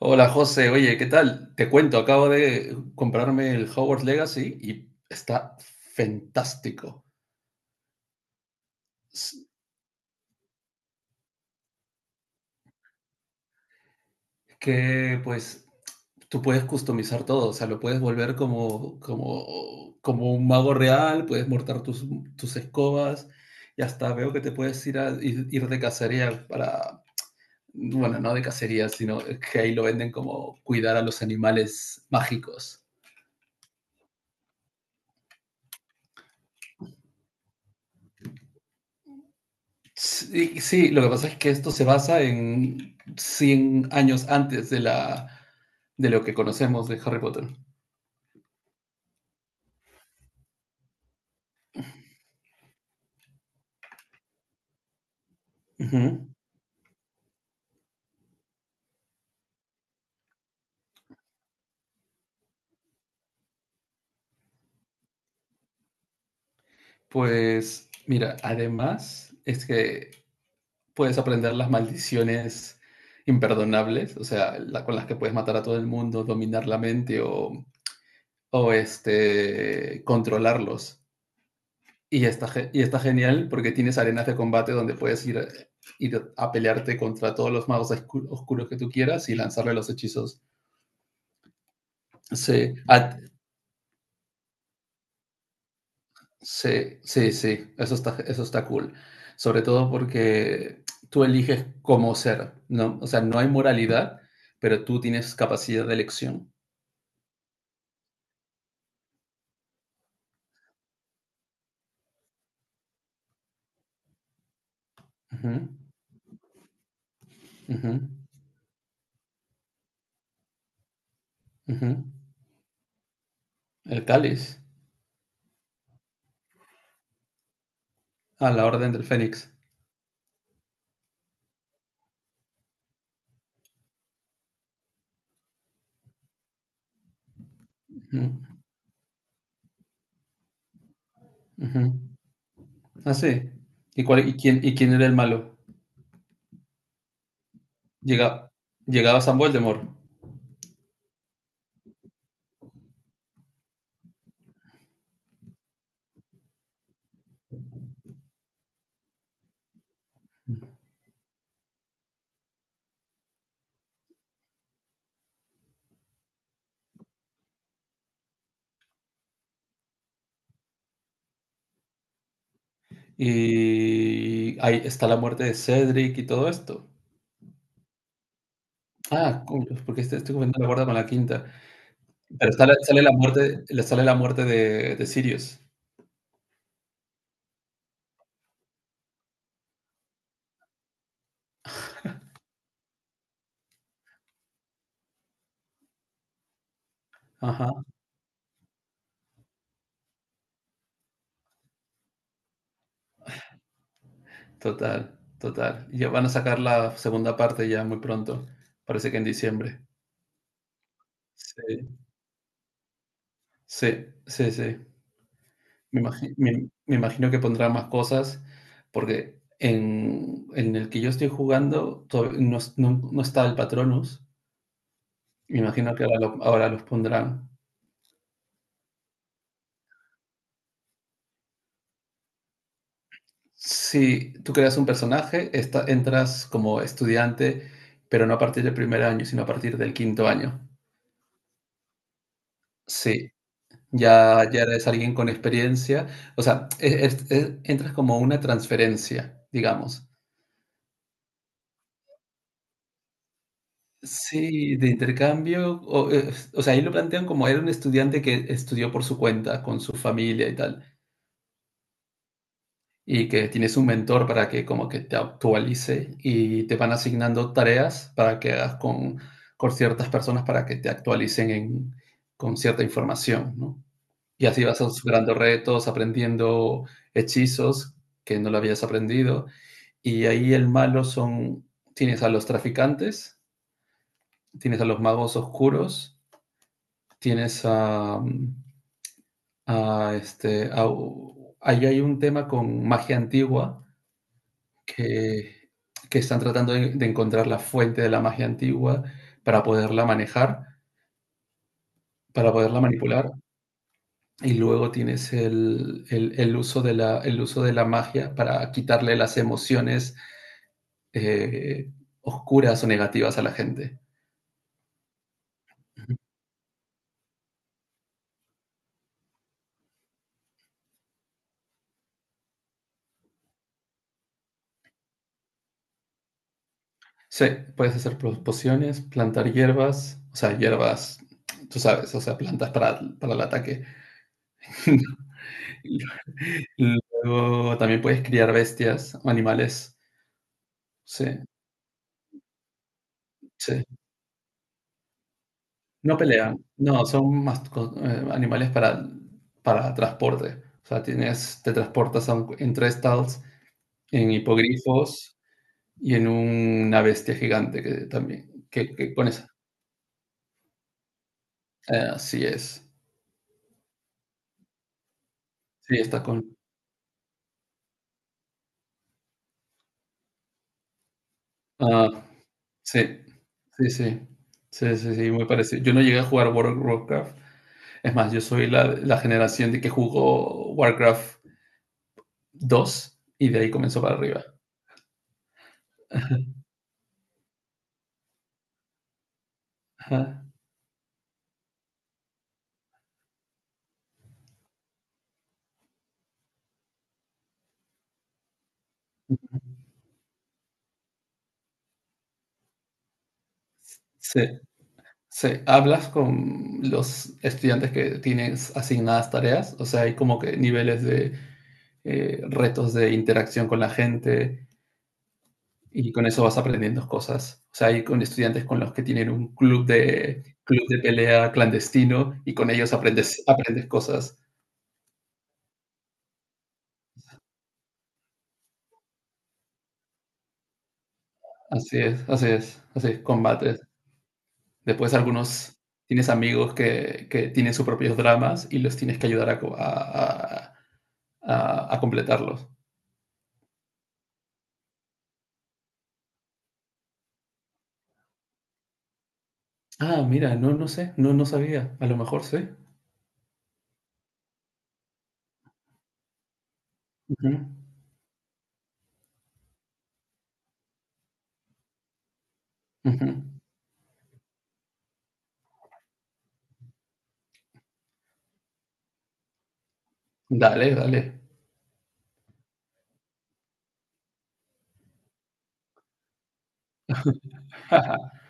Hola José, oye, ¿qué tal? Te cuento, acabo de comprarme el Hogwarts Legacy y está fantástico. Es que pues Tú puedes customizar todo, o sea, lo puedes volver como un mago real, puedes mortar tus escobas y hasta veo que te puedes ir de cacería bueno, no de cacería, sino que ahí lo venden como cuidar a los animales mágicos. Sí, sí, lo que pasa es que esto se basa en 100 años antes de lo que conocemos de Harry Potter. Ujú. Pues mira, además es que puedes aprender las maldiciones imperdonables, o sea, con las que puedes matar a todo el mundo, dominar la mente o controlarlos. Y está, y está genial porque tienes arenas de combate donde puedes ir a pelearte contra todos los magos oscuros que tú quieras y lanzarle los hechizos. Sí, ah, sí, eso está cool. Sobre todo porque tú eliges cómo ser, ¿no? O sea, no hay moralidad, pero tú tienes capacidad de elección. Ujú, ujú, ujú. El cáliz, a la orden del Fénix. Ujú, ujú. Ah, sí. ¿Y quién era el malo? Llega, Llegaba San Voldemort. Y ahí está la muerte de Cedric y todo esto. Ah, cool, porque estoy comentando la cuarta con la quinta. Pero le sale la muerte de Sirius. Ajá, total, total. Y ya van a sacar la segunda parte ya muy pronto. Parece que en diciembre. Sí, sí, sí, sí. Me imagino que pondrá más cosas porque en el que yo estoy jugando todavía no, no, no está el Patronus. Me imagino que ahora, ahora los pondrán. Si tú creas un personaje, entras como estudiante, pero no a partir del primer año, sino a partir del quinto año. Sí, ya eres alguien con experiencia. O sea, entras como una transferencia, digamos. Sí, de intercambio. O sea, ahí lo plantean como era un estudiante que estudió por su cuenta, con su familia y tal, y que tienes un mentor para que como que te actualice y te van asignando tareas para que hagas con ciertas personas para que te actualicen con cierta información, ¿no? Y así vas superando retos, aprendiendo hechizos que no lo habías aprendido. Y ahí el malo son, tienes a los traficantes, tienes a los magos oscuros, tienes a ahí hay un tema con magia antigua que, que están tratando de encontrar la fuente de la magia antigua para poderla manejar, para poderla manipular. Y luego tienes el uso de la, el uso de la magia para quitarle las emociones eh, oscuras o negativas a la gente. Sí, puedes hacer pociones, plantar hierbas, o sea, hierbas, tú sabes, o sea, plantas para el ataque. Luego también puedes criar bestias o animales. Sí, sí. No pelean, no, son más animales para transporte. O sea, tienes, te transportas a entre estados en hipogrifos y en una bestia gigante que también, que pones. Ah, así es. Sí, está con... Ah, sí, sí. Sí, muy parecido. Yo no llegué a jugar World of Warcraft. Es más, yo soy la generación de que jugó Warcraft 2 y de ahí comenzó para arriba. Ajá. Sí, sí. ¿Hablas con los estudiantes que tienes asignadas tareas? O sea, hay como que niveles de retos de interacción con la gente y con eso vas aprendiendo cosas. O sea, hay con estudiantes con los que tienen un club de pelea clandestino y con ellos aprendes, aprendes cosas. Así es, así es, así es, combates. Después algunos tienes amigos que tienen sus propios dramas y los tienes que ayudar a completarlos. Ah, mira, no, no sé, no, no sabía. A lo mejor sí. Ujú, ujú. Dale, dale.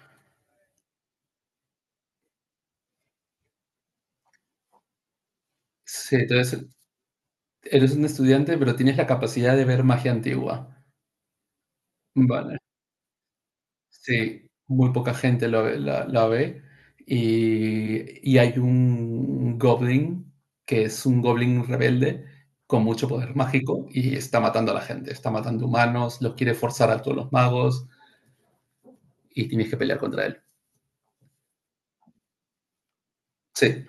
Sí, entonces eres un estudiante, pero tienes la capacidad de ver magia antigua. Vale. Sí, muy poca gente la ve. Y hay un goblin que es un goblin rebelde con mucho poder mágico y está matando a la gente, está matando humanos, los quiere forzar a todos los magos y tienes que pelear contra él. Sí,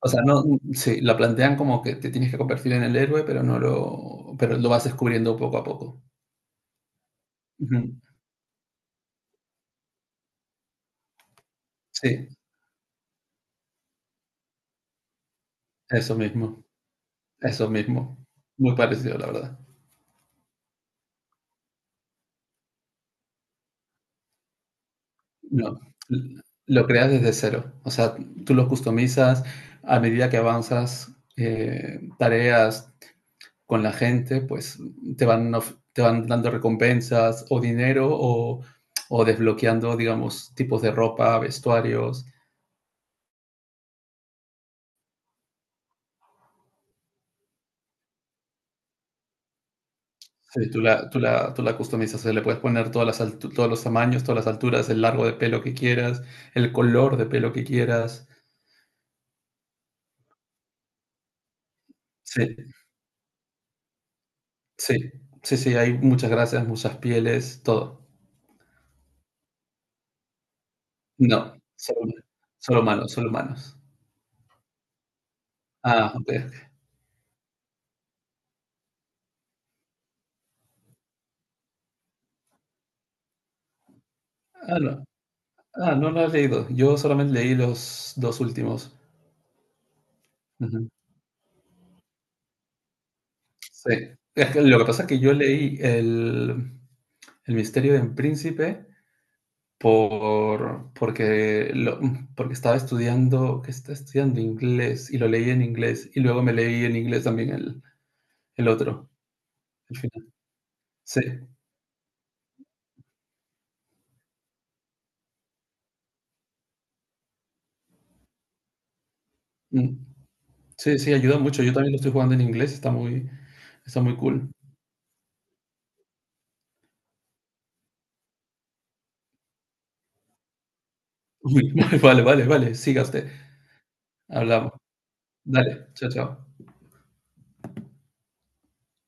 o sea, no, sí, la plantean como que te tienes que convertir en el héroe, pero no lo, pero lo vas descubriendo poco a poco. Ujú. Sí, eso mismo, eso mismo. Muy parecido, la verdad. No, lo creas desde cero. O sea, tú lo customizas a medida que avanzas tareas con la gente, pues te te van dando recompensas o dinero o desbloqueando, digamos, tipos de ropa, vestuarios. Sí, tú la customizas, o sea, le puedes poner todos los tamaños, todas las alturas, el largo de pelo que quieras, el color de pelo que quieras. Sí, sí, sí, hay muchas gracias, muchas pieles, todo. No, solo humanos, solo humanos. Ah, okey. Ah, no. Ah, no lo has leído. Yo solamente leí los 2 últimos. Ujú. Sí. Es que lo que pasa es que yo leí el misterio del príncipe porque lo porque estaba estudiando que estaba estudiando inglés y lo leí en inglés, y luego me leí en inglés también el otro, el final. Sí, mm. Sí, sí, ayuda mucho. Yo también lo estoy jugando en inglés, está muy cool. Uy, Vale, vale, vale, siga usted. Hablamos. Dale, chao, chao.